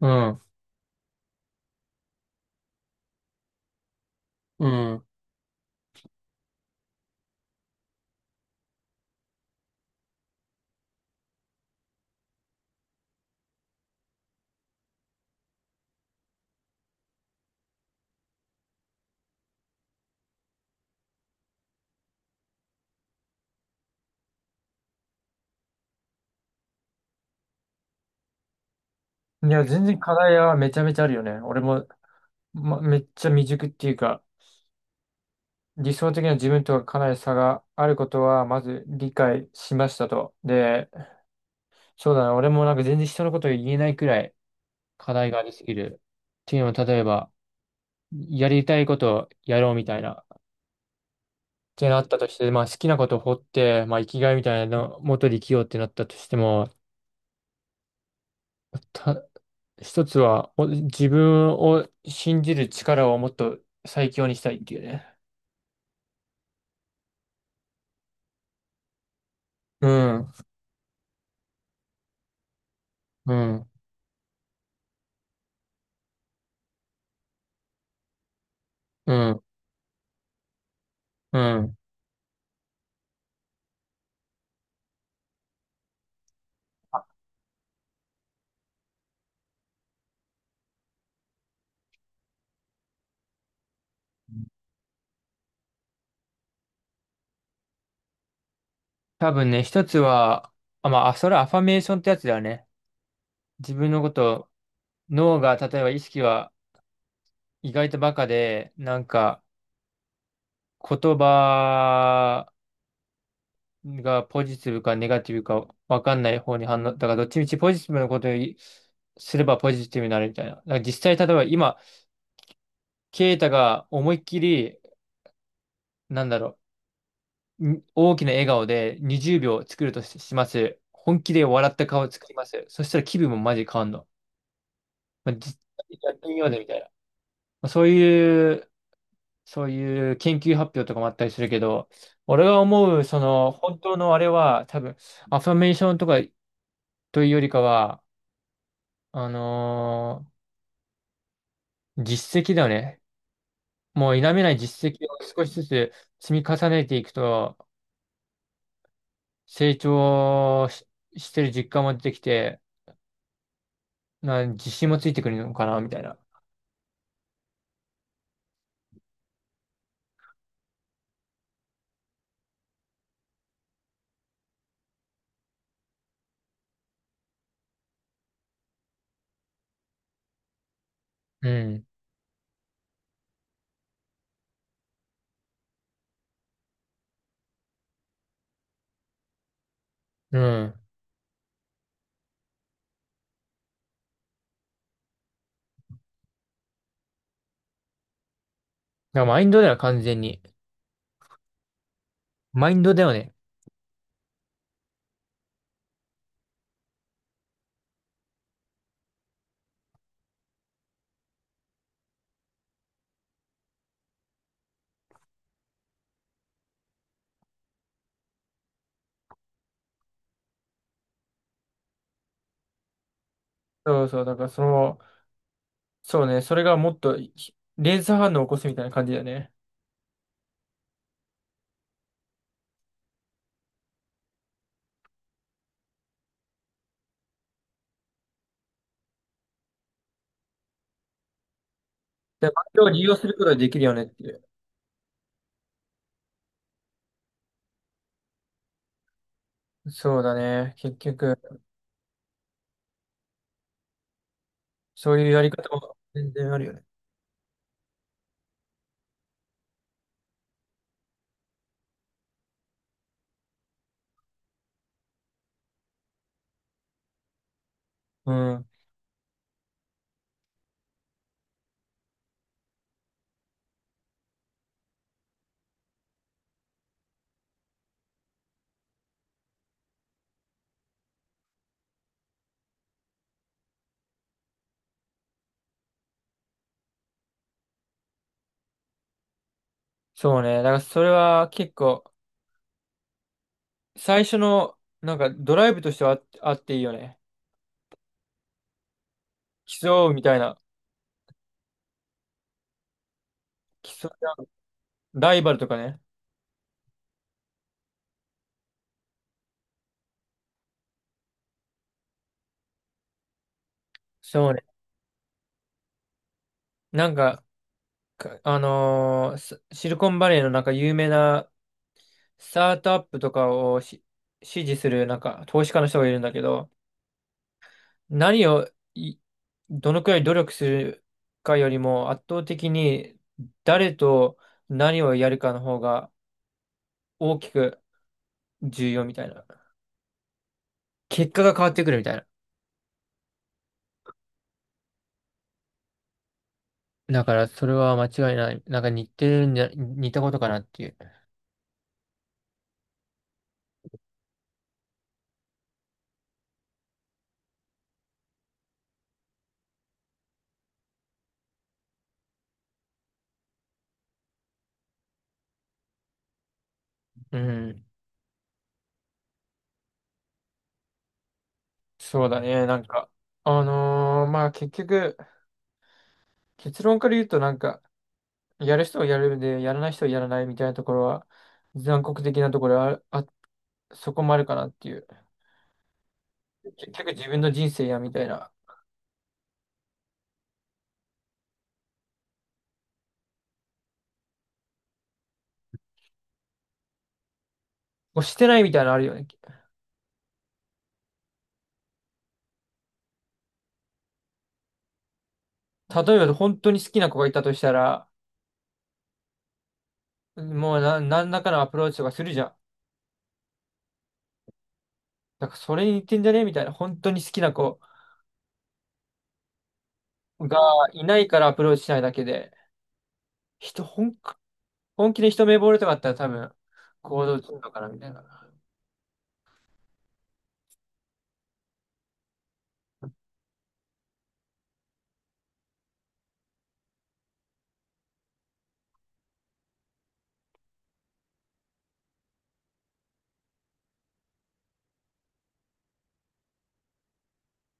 うん、うん。いや、全然課題はめちゃめちゃあるよね。俺も、ま、めっちゃ未熟っていうか、理想的な自分とはかなり差があることは、まず理解しましたと。で、そうだな、俺もなんか全然人のことを言えないくらい課題がありすぎる。っていうのも、例えば、やりたいことをやろうみたいな、ってなったとして、まあ好きなことを掘って、まあ生きがいみたいなの、元で生きようってなったとしても、た一つは、自分を信じる力をもっと最強にしたいっていうね。うん、うん、うん、うん。多分ね、一つは、あ、まあ、それはアファメーションってやつだよね。自分のこと、脳が、例えば意識は意外とバカで、なんか、言葉がポジティブかネガティブかわかんない方に反応、だからどっちみちポジティブなことをすればポジティブになるみたいな。だから実際、例えば今、ケイタが思いっきり、なんだろう、大きな笑顔で20秒作るします。本気で笑った顔を作ります。そしたら気分もマジ変わんの。まあ、実際にやってみようぜみたいな。まあ、そういう研究発表とかもあったりするけど、俺が思う、その、本当のあれは、多分、アファメーションとかというよりかは、あのー実績だよね。もう否めない実績を少しずつ積み重ねていくと、成長し、してる実感も出てきて、自信もついてくるのかな、みたいな。うん。うん。だからマインドだよ、完全に。マインドだよね。そうそう、だからその、そうね、それがもっと連鎖反応を起こすみたいな感じだよね。で、環境を利用することができるよねっていう。そうだね、結局、そういうやり方も全然あるよね。うん、そうね、だからそれは結構、最初の、なんかドライブとしてはあっていいよね。競うみたいな、競い合うライバルとかね。そうね。なんか、シリコンバレーのなんか有名なスタートアップとかを支持するなんか投資家の人がいるんだけど、何をいどのくらい努力するかよりも圧倒的に誰と何をやるかの方が大きく重要みたいな。結果が変わってくるみたいな。だからそれは間違いない。なんか似てるんじゃ、似たことかなっていう。うん。そうだね。なんか、まあ結局、結論から言うとなんか、やる人はやるで、やらない人はやらないみたいなところは、残酷的なところはそこもあるかなっていう。結局自分の人生やみたいな。こうしてないみたいなのあるよね。例えば本当に好きな子がいたとしたら、もう何らかのアプローチとかするじゃん。だからそれに似てんじゃねみたいな。本当に好きな子がいないからアプローチしないだけで、人、本、本気で一目惚れとかあったら多分行動するのかなみたいな。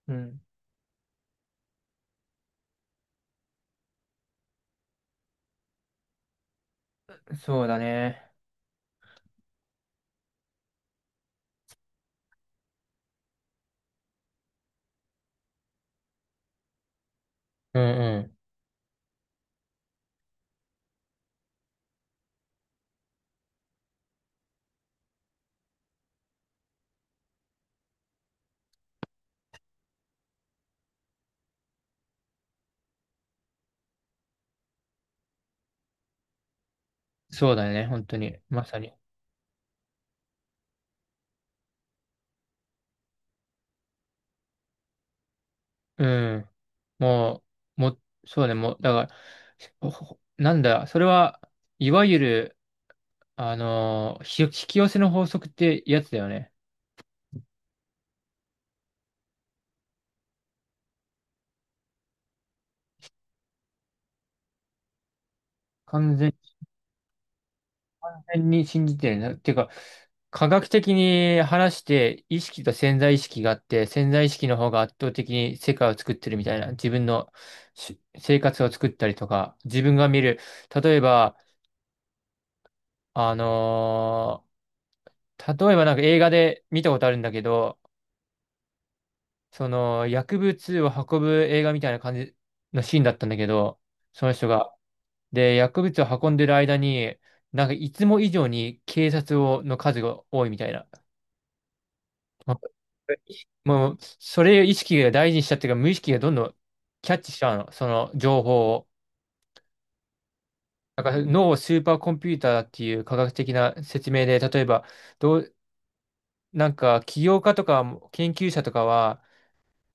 うん。そうだね。うんうん。そうだね。本当に。まさに。うん。もう、も、そうね、もう、だから、なんだ、それは、いわゆる、引き寄せの法則ってやつだよね。完全に信じてるな。っていうか、科学的に話して、意識と潜在意識があって、潜在意識の方が圧倒的に世界を作ってるみたいな、自分の生活を作ったりとか、自分が見る、例えば、あのー例えばなんか映画で見たことあるんだけど、その薬物を運ぶ映画みたいな感じのシーンだったんだけど、その人が。で、薬物を運んでる間に、なんかいつも以上に警察をの数が多いみたいな。まもう、それを意識が大事にしちゃってるから、無意識がどんどんキャッチしちゃうの、その情報を。なんか脳をスーパーコンピューターだっていう科学的な説明で、例えば、どう、なんか起業家とか研究者とかは、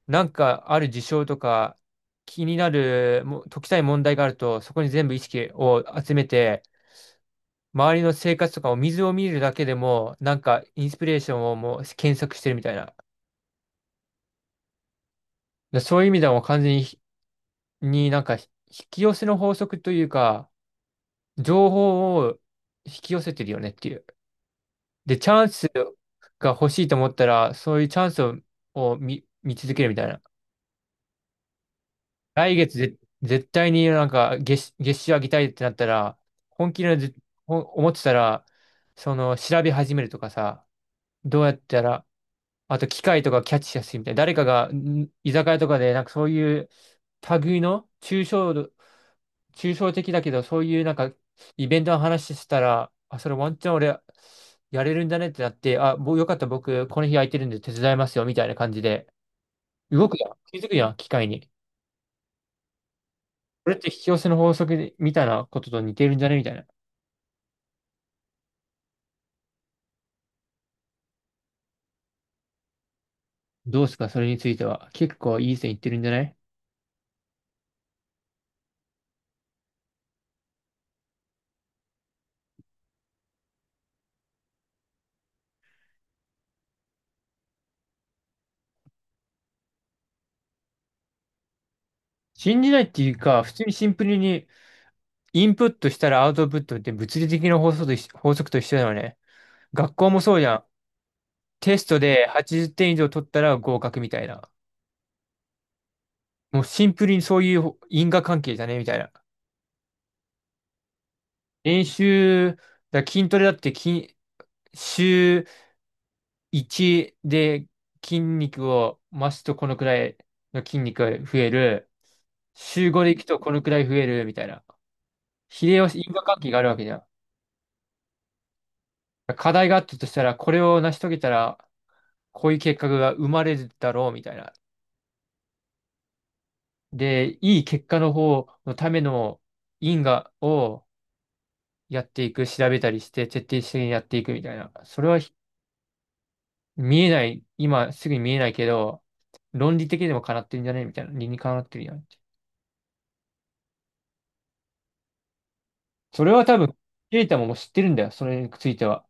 なんかある事象とか気になるもう解きたい問題があるとそこに全部意識を集めて周りの生活とかを水を見るだけでもなんかインスピレーションをもう検索してるみたいな。でそういう意味ではもう完全になんか引き寄せの法則というか情報を引き寄せてるよねっていう。で、チャンスが欲しいと思ったらそういうチャンスを見続けるみたいな。来月絶対になんか月収上げたいってなったら、本気で思ってたら、その調べ始めるとかさ、どうやったら、あと機械とかキャッチしやすいみたいな、誰かが居酒屋とかでなんかそういう類の抽象的だけど、そういうなんかイベントの話してたら、あ、それワンチャン俺やれるんだねってなって、あ、もうよかった僕この日空いてるんで手伝いますよみたいな感じで、動くやん。気づくやん、機械に。これって引き寄せの法則でたたいなことと似てるんじゃねみたいな。どうですかそれについては？結構いい線いってるんじゃない？信じないっていうか、普通にシンプルにインプットしたらアウトプットって物理的な法則と一緒だよね。学校もそうじゃん。テストで80点以上取ったら合格みたいな。もうシンプルにそういう因果関係じゃねみたいな。練習、だ筋トレだって週1で筋肉を増すとこのくらいの筋肉が増える。週5で行くとこのくらい増えるみたいな。秀吉、因果関係があるわけじゃん。課題があったとしたら、これを成し遂げたら、こういう結果が生まれるだろうみたいな。で、いい結果の方のための因果をやっていく、調べたりして、徹底的にやっていくみたいな。それは見えない、今すぐに見えないけど、論理的にもかなってるんじゃねみたいな。理にかなってるやんって。それは多分、ケイタももう知ってるんだよ、それについては。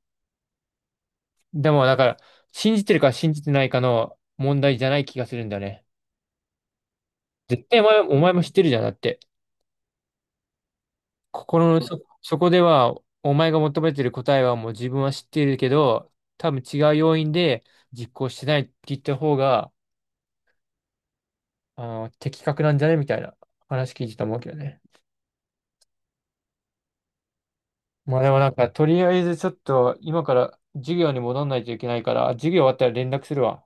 でも、だから、信じてるか信じてないかの問題じゃない気がするんだよね。絶対お前も知ってるじゃん。だって、心のそこでは、お前が求めてる答えはもう自分は知っているけど、多分違う要因で実行してないって言った方が、的確なんじゃねみたいな話聞いてたと思うけどね。まあでもなんか、とりあえずちょっと、今から授業に戻んないといけないから、授業終わったら連絡するわ。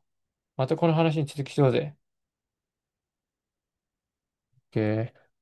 またこの話に続きしようぜ。OK